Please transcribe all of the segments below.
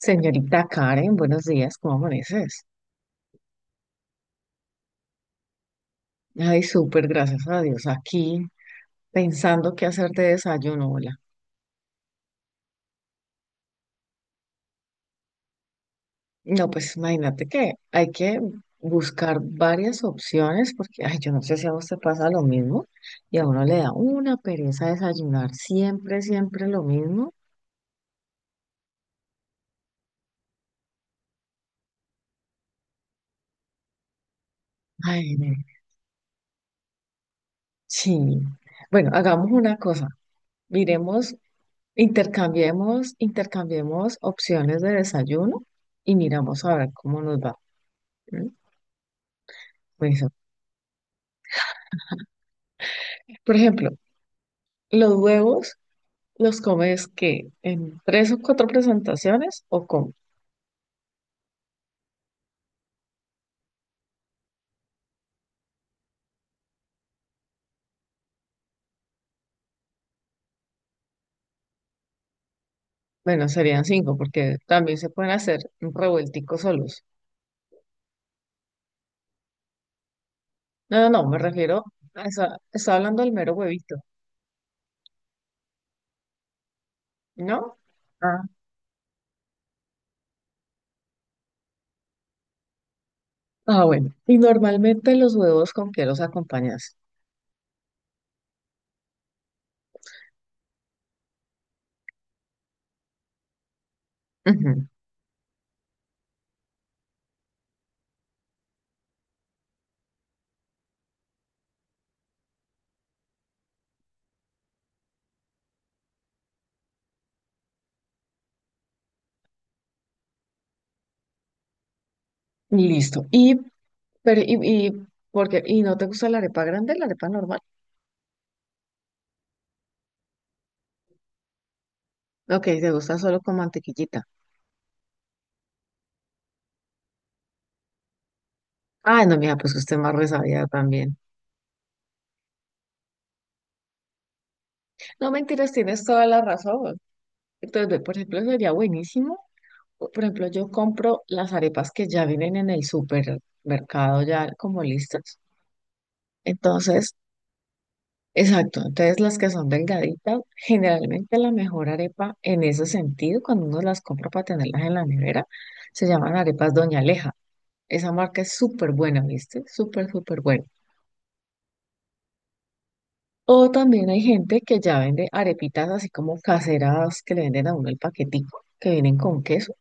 Señorita Karen, buenos días, ¿cómo amaneces? Ay, súper, gracias a Dios. Aquí pensando qué hacer de desayuno, hola. No, pues imagínate que hay que buscar varias opciones porque, ay, yo no sé si a usted pasa lo mismo y a uno le da una pereza desayunar siempre, siempre lo mismo. Ay, ve, sí. Bueno, hagamos una cosa. Miremos, intercambiemos opciones de desayuno y miramos a ver cómo nos va. ¿M? Pues, por ejemplo, los huevos los comes que en tres o cuatro presentaciones o con, bueno, serían cinco porque también se pueden hacer revuelticos solos. No, no, no, me refiero a esa, estaba hablando del mero huevito, ¿no? Ah, ah, bueno. ¿Y normalmente los huevos con qué los acompañas? Ujú. Listo. Y, pero, porque, ¿y no te gusta la arepa grande, la arepa normal? Ok, te gusta solo con mantequillita. Ah, no, mira, pues usted más resabía también. No mentiras, tienes toda la razón. Entonces, ve, por ejemplo, sería buenísimo. Por ejemplo, yo compro las arepas que ya vienen en el supermercado ya como listas. Entonces, exacto. Entonces, las que son delgaditas, generalmente la mejor arepa en ese sentido, cuando uno las compra para tenerlas en la nevera, se llaman arepas Doña Aleja. Esa marca es súper buena, ¿viste? Súper, súper buena. O también hay gente que ya vende arepitas así como caseras que le venden a uno el paquetico, que vienen con queso.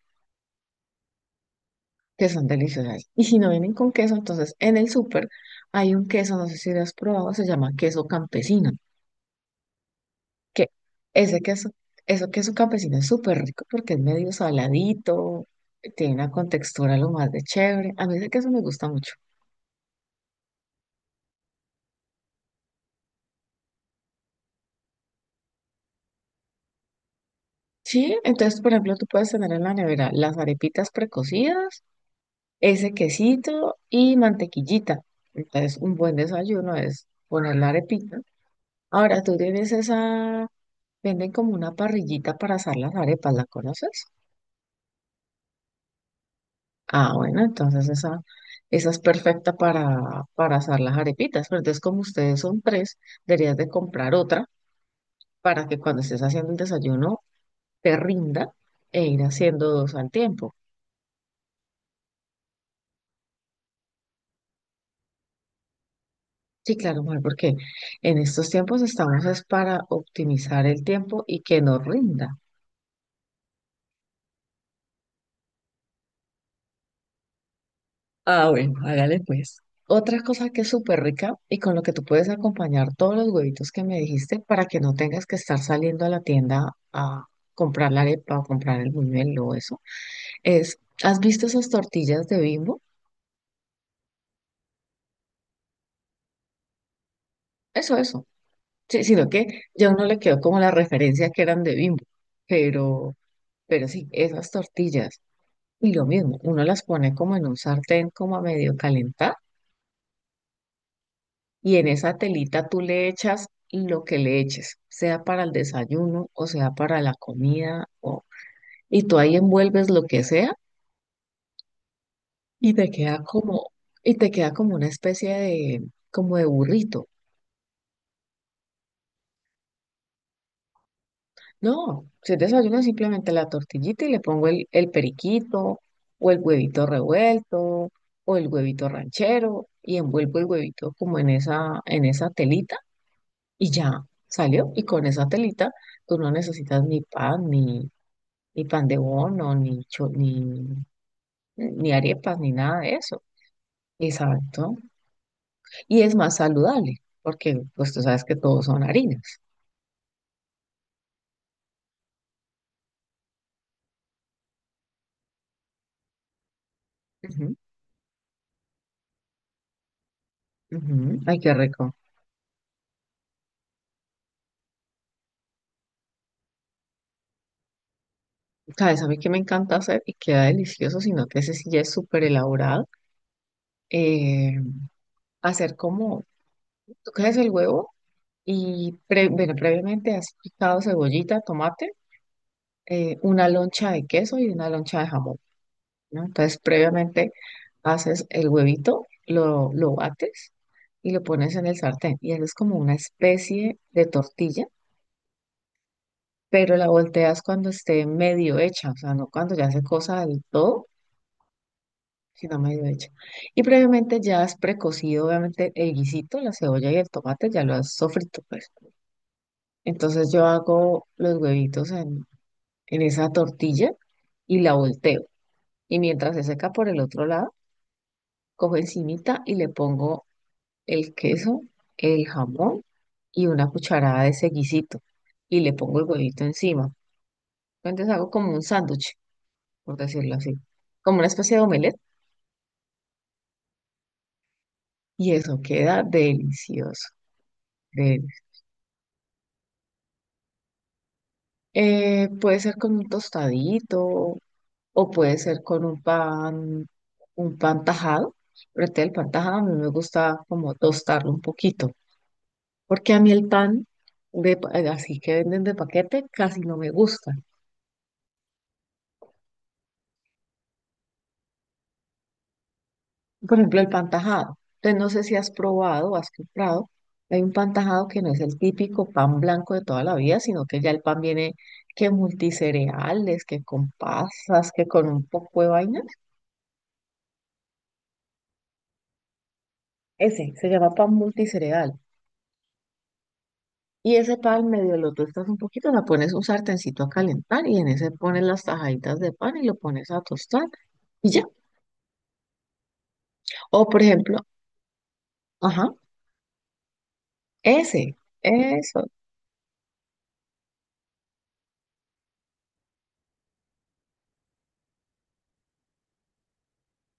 Que son deliciosas. Y si no vienen con queso, entonces en el súper hay un queso, no sé si lo has probado, se llama queso campesino, que ese queso, eso queso campesino es súper rico porque es medio saladito, tiene una contextura lo más de chévere. A mí ese queso me gusta mucho. Sí, entonces, por ejemplo, tú puedes tener en la nevera las arepitas precocidas, ese quesito y mantequillita. Entonces, un buen desayuno es poner la arepita. Ahora, tú tienes esa. Venden como una parrillita para asar las arepas, ¿la conoces? Ah, bueno, entonces esa es perfecta para asar las arepitas, pero entonces como ustedes son tres, deberías de comprar otra para que cuando estés haciendo el desayuno te rinda e ir haciendo dos al tiempo. Sí, claro, mujer, porque en estos tiempos estamos es para optimizar el tiempo y que nos rinda. Ah, bueno, hágale pues. Otra cosa que es súper rica y con lo que tú puedes acompañar todos los huevitos que me dijiste para que no tengas que estar saliendo a la tienda a comprar la arepa o comprar el buñuelo o eso, es, ¿has visto esas tortillas de Bimbo? Eso, eso. Sí, sino que ya uno le quedó como la referencia que eran de Bimbo, pero, pero sí, esas tortillas. Y lo mismo, uno las pone como en un sartén como a medio calentar. Y en esa telita tú le echas lo que le eches, sea para el desayuno o sea para la comida, y tú ahí envuelves lo que sea y te queda como una especie de, como de burrito. No, si es desayuno simplemente la tortillita y le pongo el periquito o el huevito revuelto o el huevito ranchero y envuelvo el huevito como en esa telita y ya salió. Y con esa telita tú no necesitas ni pan ni pan de bono, ni arepas, ni nada de eso. Exacto. Y es más saludable, porque pues tú sabes que todos son harinas. Ujú, ujú. Ay, qué rico. ¿Sabes? A mí que me encanta hacer y queda delicioso, sino que ese sí ya es súper elaborado. eh, Hacer como, tú coges el huevo y previamente has picado cebollita, tomate, una loncha de queso y una loncha de jamón. ¿No? Entonces, previamente haces el huevito, lo bates y lo pones en el sartén. Y haces como una especie de tortilla, pero la volteas cuando esté medio hecha, o sea, no cuando ya se cosa del todo, sino medio hecha. Y previamente ya has precocido, obviamente, el guisito, la cebolla y el tomate, ya lo has sofrito, pues. Entonces yo hago los huevitos en esa tortilla y la volteo. Y mientras se seca por el otro lado, cojo encimita y le pongo el queso, el jamón y una cucharada de ese guisito. Y le pongo el huevito encima. Entonces hago como un sándwich, por decirlo así. Como una especie de omelette. Y eso queda delicioso. del- Puede ser con un tostadito o puede ser con un pan tajado. Pero el pan tajado a mí me gusta como tostarlo un poquito. Porque a mí el pan así que venden de paquete casi no me gusta. Por ejemplo, el pan tajado. Entonces, no sé si has probado o has comprado. Hay un pan tajado que no es el típico pan blanco de toda la vida, sino que ya el pan viene que multicereales, que con pasas, que con un poco de vainas. Ese se llama pan multicereal. Y ese pan medio lo tostas un poquito, la pones un sartencito a calentar y en ese pones las tajaditas de pan y lo pones a tostar y ya. O por ejemplo, ajá, ese, eso.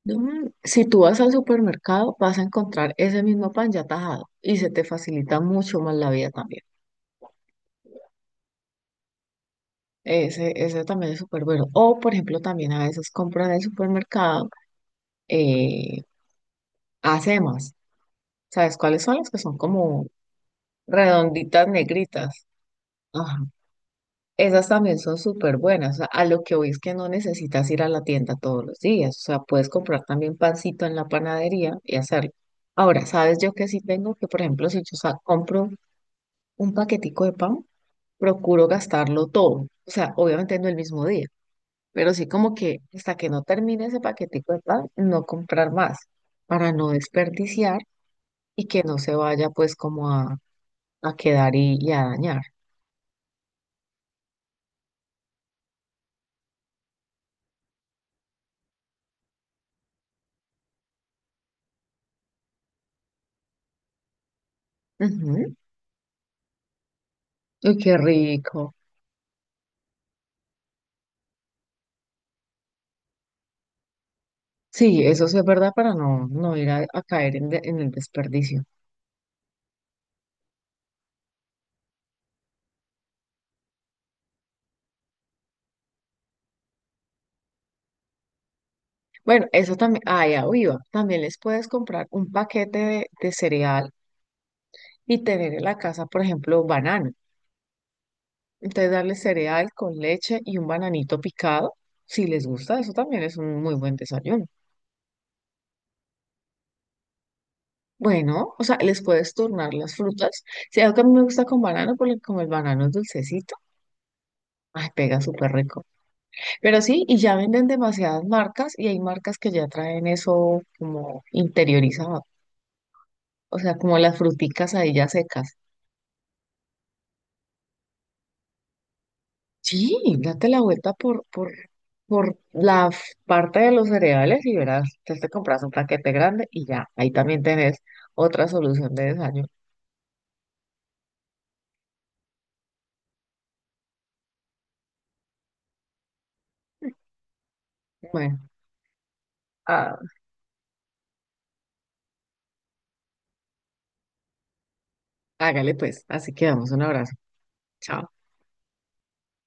Si tú vas al supermercado, vas a encontrar ese mismo pan ya tajado y se te facilita mucho más la vida también. Ese también es súper bueno. O, por ejemplo, también a veces compran en el supermercado eh, acemas. ¿Sabes cuáles son las que son como redonditas negritas? Ajá. Esas también son súper buenas. O sea, a lo que voy es que no necesitas ir a la tienda todos los días. O sea, puedes comprar también pancito en la panadería y hacerlo. Ahora, ¿sabes yo que sí tengo? Que, por ejemplo, si yo compro un paquetico de pan, procuro gastarlo todo. O sea, obviamente no el mismo día, pero sí como que hasta que no termine ese paquetico de pan, no comprar más para no desperdiciar y que no se vaya pues como a quedar y a dañar. Ujú. Uy, qué rico. Sí, eso sí es verdad para no, no ir a caer en el desperdicio. Bueno, eso también, ah, ya iba. También les puedes comprar un paquete de cereal y tener en la casa, por ejemplo, banano. Entonces darle cereal con leche y un bananito picado, si les gusta, eso también es un muy buen desayuno. Bueno, o sea, les puedes turnar las frutas. Si algo que a mí me gusta con banano, porque como el banano es dulcecito, ay, pega súper rico. Pero sí, y ya venden demasiadas marcas y hay marcas que ya traen eso como interiorizado, o sea, como las fruticas ahí ya secas. Sí, date la vuelta por la parte de los cereales y verás, te compras un paquete grande y ya, ahí también tenés otra solución de desayuno. Bueno, ah, hágale pues, así quedamos, un abrazo. Chao.